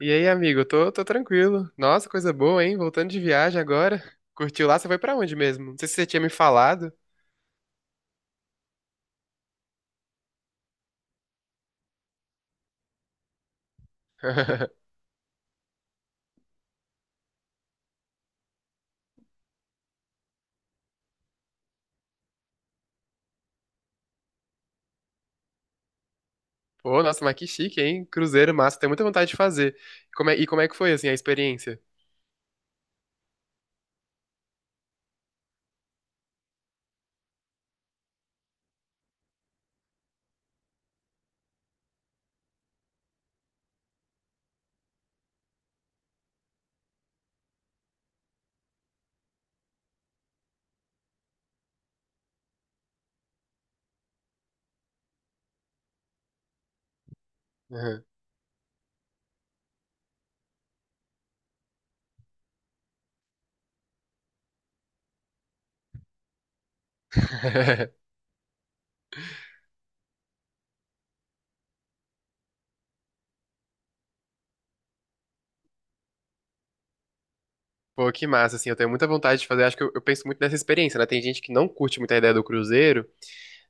E aí, amigo? Tô tranquilo. Nossa, coisa boa, hein? Voltando de viagem agora. Curtiu lá? Você foi pra onde mesmo? Não sei se você tinha me falado. Pô, nossa, mas que chique, hein? Cruzeiro massa. Tenho muita vontade de fazer. E como é que foi, assim, a experiência? Uhum. Pô, que massa, assim. Eu tenho muita vontade de fazer. Acho que eu penso muito nessa experiência, né? Tem gente que não curte muito a ideia do cruzeiro.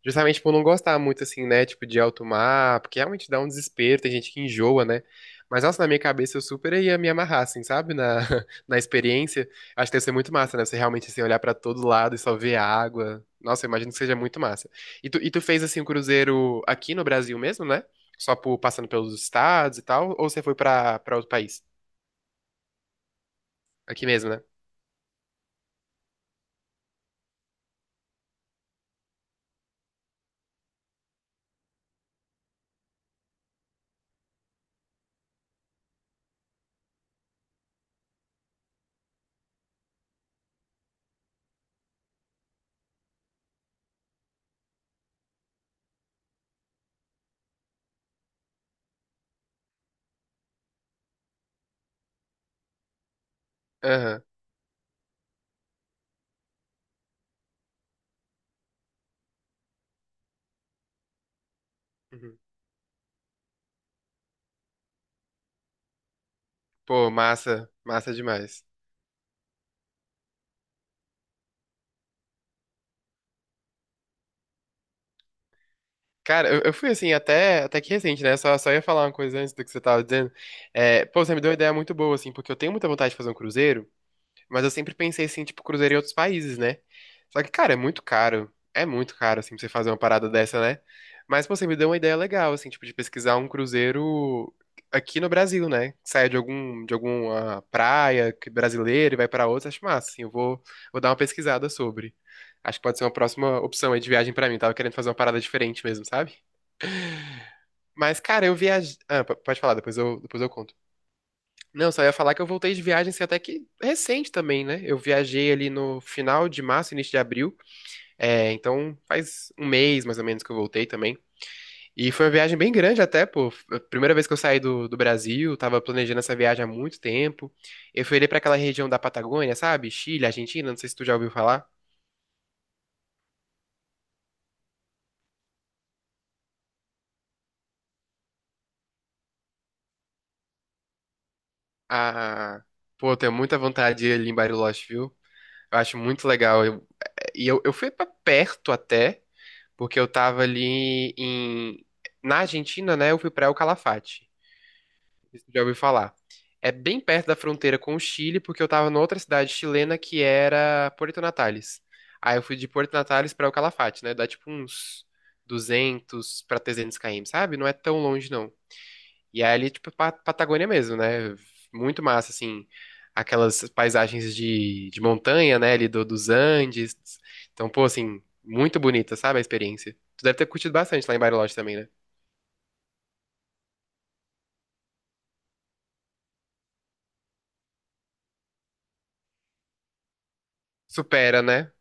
Justamente por não gostar muito, assim, né? Tipo, de alto mar, porque realmente dá um desespero, tem gente que enjoa, né? Mas, nossa, na minha cabeça eu super ia me amarrar, assim, sabe? Na, na experiência. Acho que deve ser muito massa, né? Você realmente, assim, olhar pra todo lado e só ver a água. Nossa, eu imagino que seja muito massa. E tu fez, assim, um cruzeiro aqui no Brasil mesmo, né? Só passando pelos estados e tal? Ou você foi pra outro país? Aqui mesmo, né? Aham. Uhum. Pô, massa. Massa demais. Cara, eu fui assim, até que recente, né? Só ia falar uma coisa antes do que você tava dizendo. É, pô, você me deu uma ideia muito boa, assim, porque eu tenho muita vontade de fazer um cruzeiro, mas eu sempre pensei, assim, tipo, cruzeiro em outros países, né? Só que, cara, é muito caro. É muito caro, assim, pra você fazer uma parada dessa, né? Mas, pô, você me deu uma ideia legal, assim, tipo, de pesquisar um cruzeiro aqui no Brasil, né? Que saia de algum, de alguma praia que- brasileira e vai pra outra, acho massa, assim, eu vou, vou dar uma pesquisada sobre. Acho que pode ser uma próxima opção aí de viagem pra mim. Tava querendo fazer uma parada diferente mesmo, sabe? Mas, cara, eu viajei. Ah, pode falar, depois eu conto. Não, só ia falar que eu voltei de viagem, assim, até que recente também, né? Eu viajei ali no final de março, início de abril. É, então faz um mês mais ou menos que eu voltei também. E foi uma viagem bem grande até, pô. Foi a primeira vez que eu saí do, do Brasil, tava planejando essa viagem há muito tempo. Eu fui ali pra aquela região da Patagônia, sabe? Chile, Argentina, não sei se tu já ouviu falar. Ah, pô, eu tenho muita vontade de ir ali em Bariloche, viu? Eu acho muito legal. É, e eu fui pra perto até. Porque eu tava ali em... Na Argentina, né? Eu fui pra El Calafate. Isso já ouviu falar. É bem perto da fronteira com o Chile, porque eu tava noutra cidade chilena que era Puerto Natales. Aí eu fui de Puerto Natales pra El Calafate, né? Dá tipo uns 200 pra 300 km, sabe? Não é tão longe, não. E aí ali, tipo, Patagônia mesmo, né? Muito massa, assim. Aquelas paisagens de montanha, né? Ali dos Andes. Então, pô, assim, muito bonita, sabe? A experiência. Tu deve ter curtido bastante lá em Bariloche também, né? Supera, né?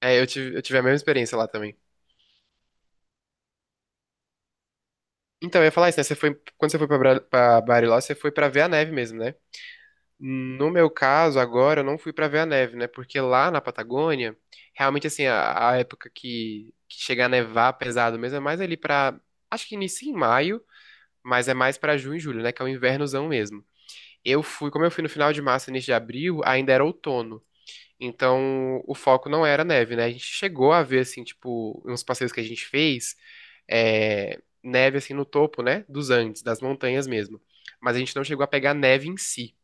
É, eu tive a mesma experiência lá também. Então, eu ia falar isso, né? Você foi, quando você foi pra Bariloche, você foi pra ver a neve mesmo, né? No meu caso, agora eu não fui pra ver a neve, né? Porque lá na Patagônia, realmente assim, a época que chega a nevar pesado mesmo é mais ali pra. Acho que inicia em maio, mas é mais pra junho e julho, né? Que é o invernozão mesmo. Eu fui, como eu fui no final de março, início de abril, ainda era outono. Então, o foco não era neve, né? A gente chegou a ver assim, tipo, uns passeios que a gente fez, é, neve assim no topo, né? Dos Andes, das montanhas mesmo. Mas a gente não chegou a pegar neve em si.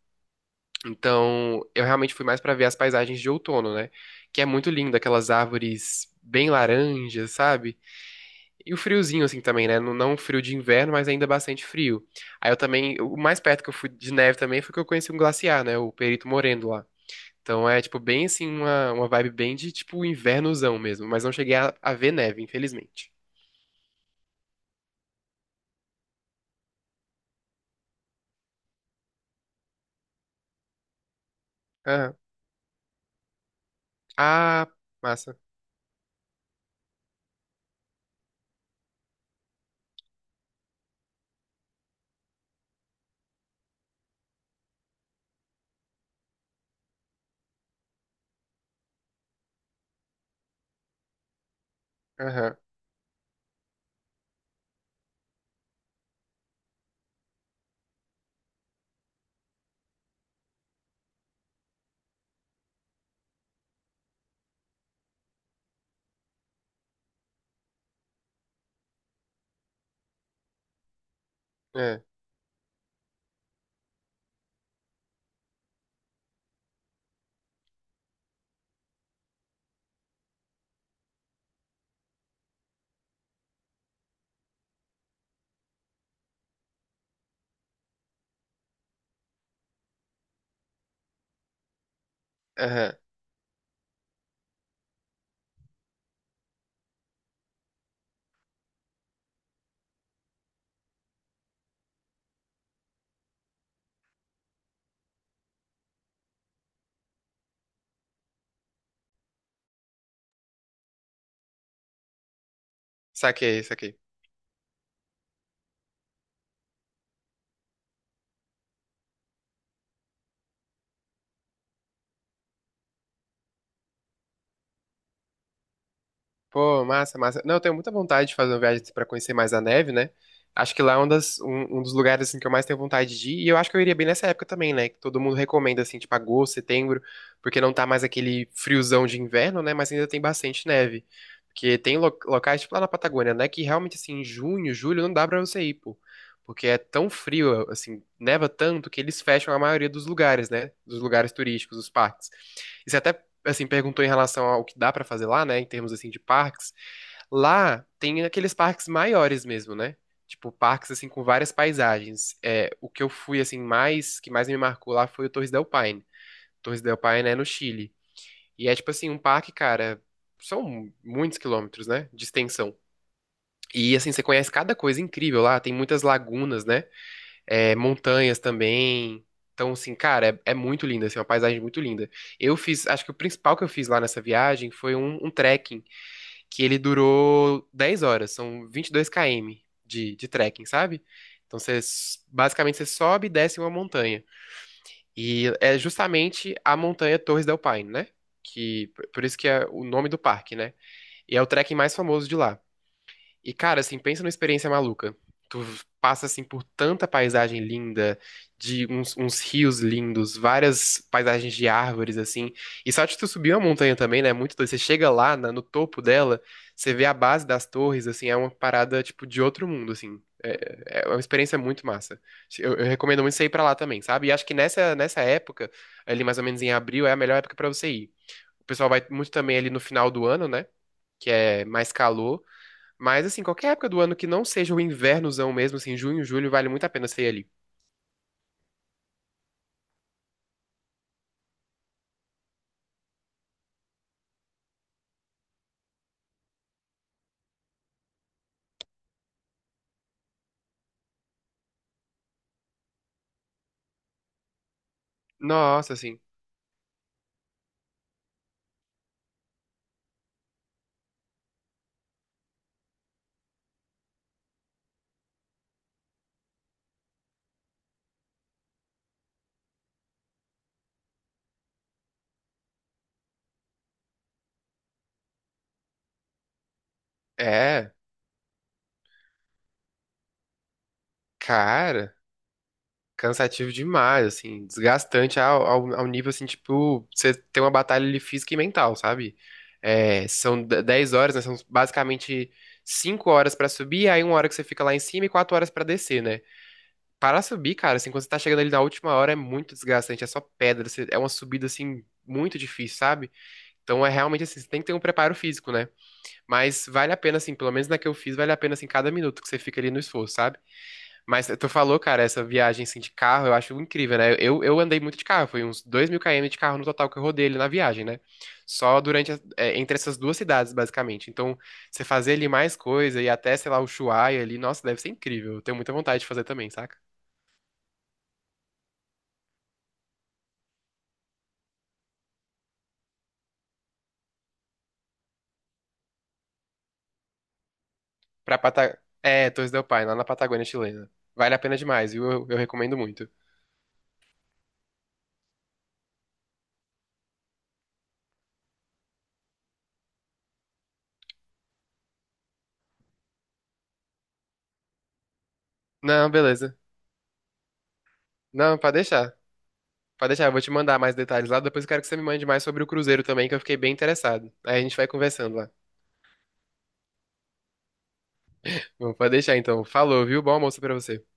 Então, eu realmente fui mais pra ver as paisagens de outono, né? Que é muito lindo, aquelas árvores bem laranjas, sabe? E o friozinho, assim, também, né? Não um frio de inverno, mas ainda bastante frio. Aí eu também, o mais perto que eu fui de neve também foi que eu conheci um glaciar, né? O Perito Moreno lá. Então é, tipo, bem assim, uma vibe bem de, tipo, invernozão mesmo. Mas não cheguei a ver neve, infelizmente. Aham. Ah, massa. Aham. É. Aham. Saquei, saquei. Pô, massa, massa. Não, eu tenho muita vontade de fazer uma viagem para conhecer mais a neve, né? Acho que lá é um dos lugares assim, que eu mais tenho vontade de ir. E eu acho que eu iria bem nessa época também, né? Que todo mundo recomenda, assim, tipo agosto, setembro, porque não tá mais aquele friozão de inverno, né? Mas ainda tem bastante neve. Porque tem locais, tipo lá na Patagônia, né? Que realmente, assim, em junho, julho, não dá pra você ir, pô. Porque é tão frio, assim, neva tanto que eles fecham a maioria dos lugares, né? Dos lugares turísticos, dos parques. E você até assim, perguntou em relação ao que dá pra fazer lá, né, em termos assim de parques. Lá tem aqueles parques maiores mesmo, né? Tipo, parques assim com várias paisagens. É, o que eu fui assim mais, que mais me marcou lá foi o Torres del Paine. Torres del Paine é no Chile. E é tipo assim, um parque, cara, são muitos quilômetros, né, de extensão. E assim, você conhece cada coisa incrível lá, tem muitas lagunas, né? É, montanhas também. Então, assim, cara, é, é muito linda assim, é uma paisagem muito linda. Eu fiz, acho que o principal que eu fiz lá nessa viagem foi um trekking, que ele durou 10 horas, são 22 km de trekking, sabe? Então, você, basicamente, você sobe e desce uma montanha. E é justamente a montanha Torres del Paine, né? Que, por isso que é o nome do parque, né? E é o trekking mais famoso de lá. E, cara, assim, pensa numa experiência maluca. Tu passa, assim, por tanta paisagem linda, de uns, uns rios lindos, várias paisagens de árvores, assim. E só de tu subir uma montanha também, né? É muito doido. Você chega lá, no topo dela, você vê a base das torres, assim, é uma parada, tipo, de outro mundo, assim. É, é uma experiência muito massa. Eu recomendo muito você ir pra lá também, sabe? E acho que nessa época, ali mais ou menos em abril, é a melhor época pra você ir. O pessoal vai muito também ali no final do ano, né? Que é mais calor. Mas, assim, qualquer época do ano que não seja o invernozão mesmo, assim, junho, julho, vale muito a pena você ir ali. Nossa, assim. É, cara, cansativo demais, assim, desgastante ao nível, assim, tipo, você tem uma batalha ali física e mental, sabe? É, são 10 horas, né? São basicamente 5 horas pra subir, aí 1 hora que você fica lá em cima e 4 horas pra descer, né? Para subir, cara, assim, quando você tá chegando ali na última hora é muito desgastante, é só pedra, você- é uma subida, assim, muito difícil, sabe? Então é realmente assim, você tem que ter um preparo físico, né? Mas vale a pena, assim, pelo menos na que eu fiz, vale a pena, assim, cada minuto que você fica ali no esforço, sabe? Mas tu falou, cara, essa viagem, assim, de carro, eu acho incrível, né? Eu andei muito de carro, foi uns 2.000 km de carro no total que eu rodei ali na viagem, né? Só durante, é, entre essas duas cidades, basicamente. Então, você fazer ali mais coisa e até, sei lá, o Ushuaia ali, nossa, deve ser incrível. Eu tenho muita vontade de fazer também, saca? Pra Pata... É, Torres del Paine, lá na Patagônia chilena. Vale a pena demais, viu? Eu recomendo muito. Não, beleza. Não, pode deixar. Pode deixar, eu vou te mandar mais detalhes lá. Depois eu quero que você me mande mais sobre o Cruzeiro também, que eu fiquei bem interessado. Aí a gente vai conversando lá. Bom, pode deixar então. Falou, viu? Bom almoço pra você.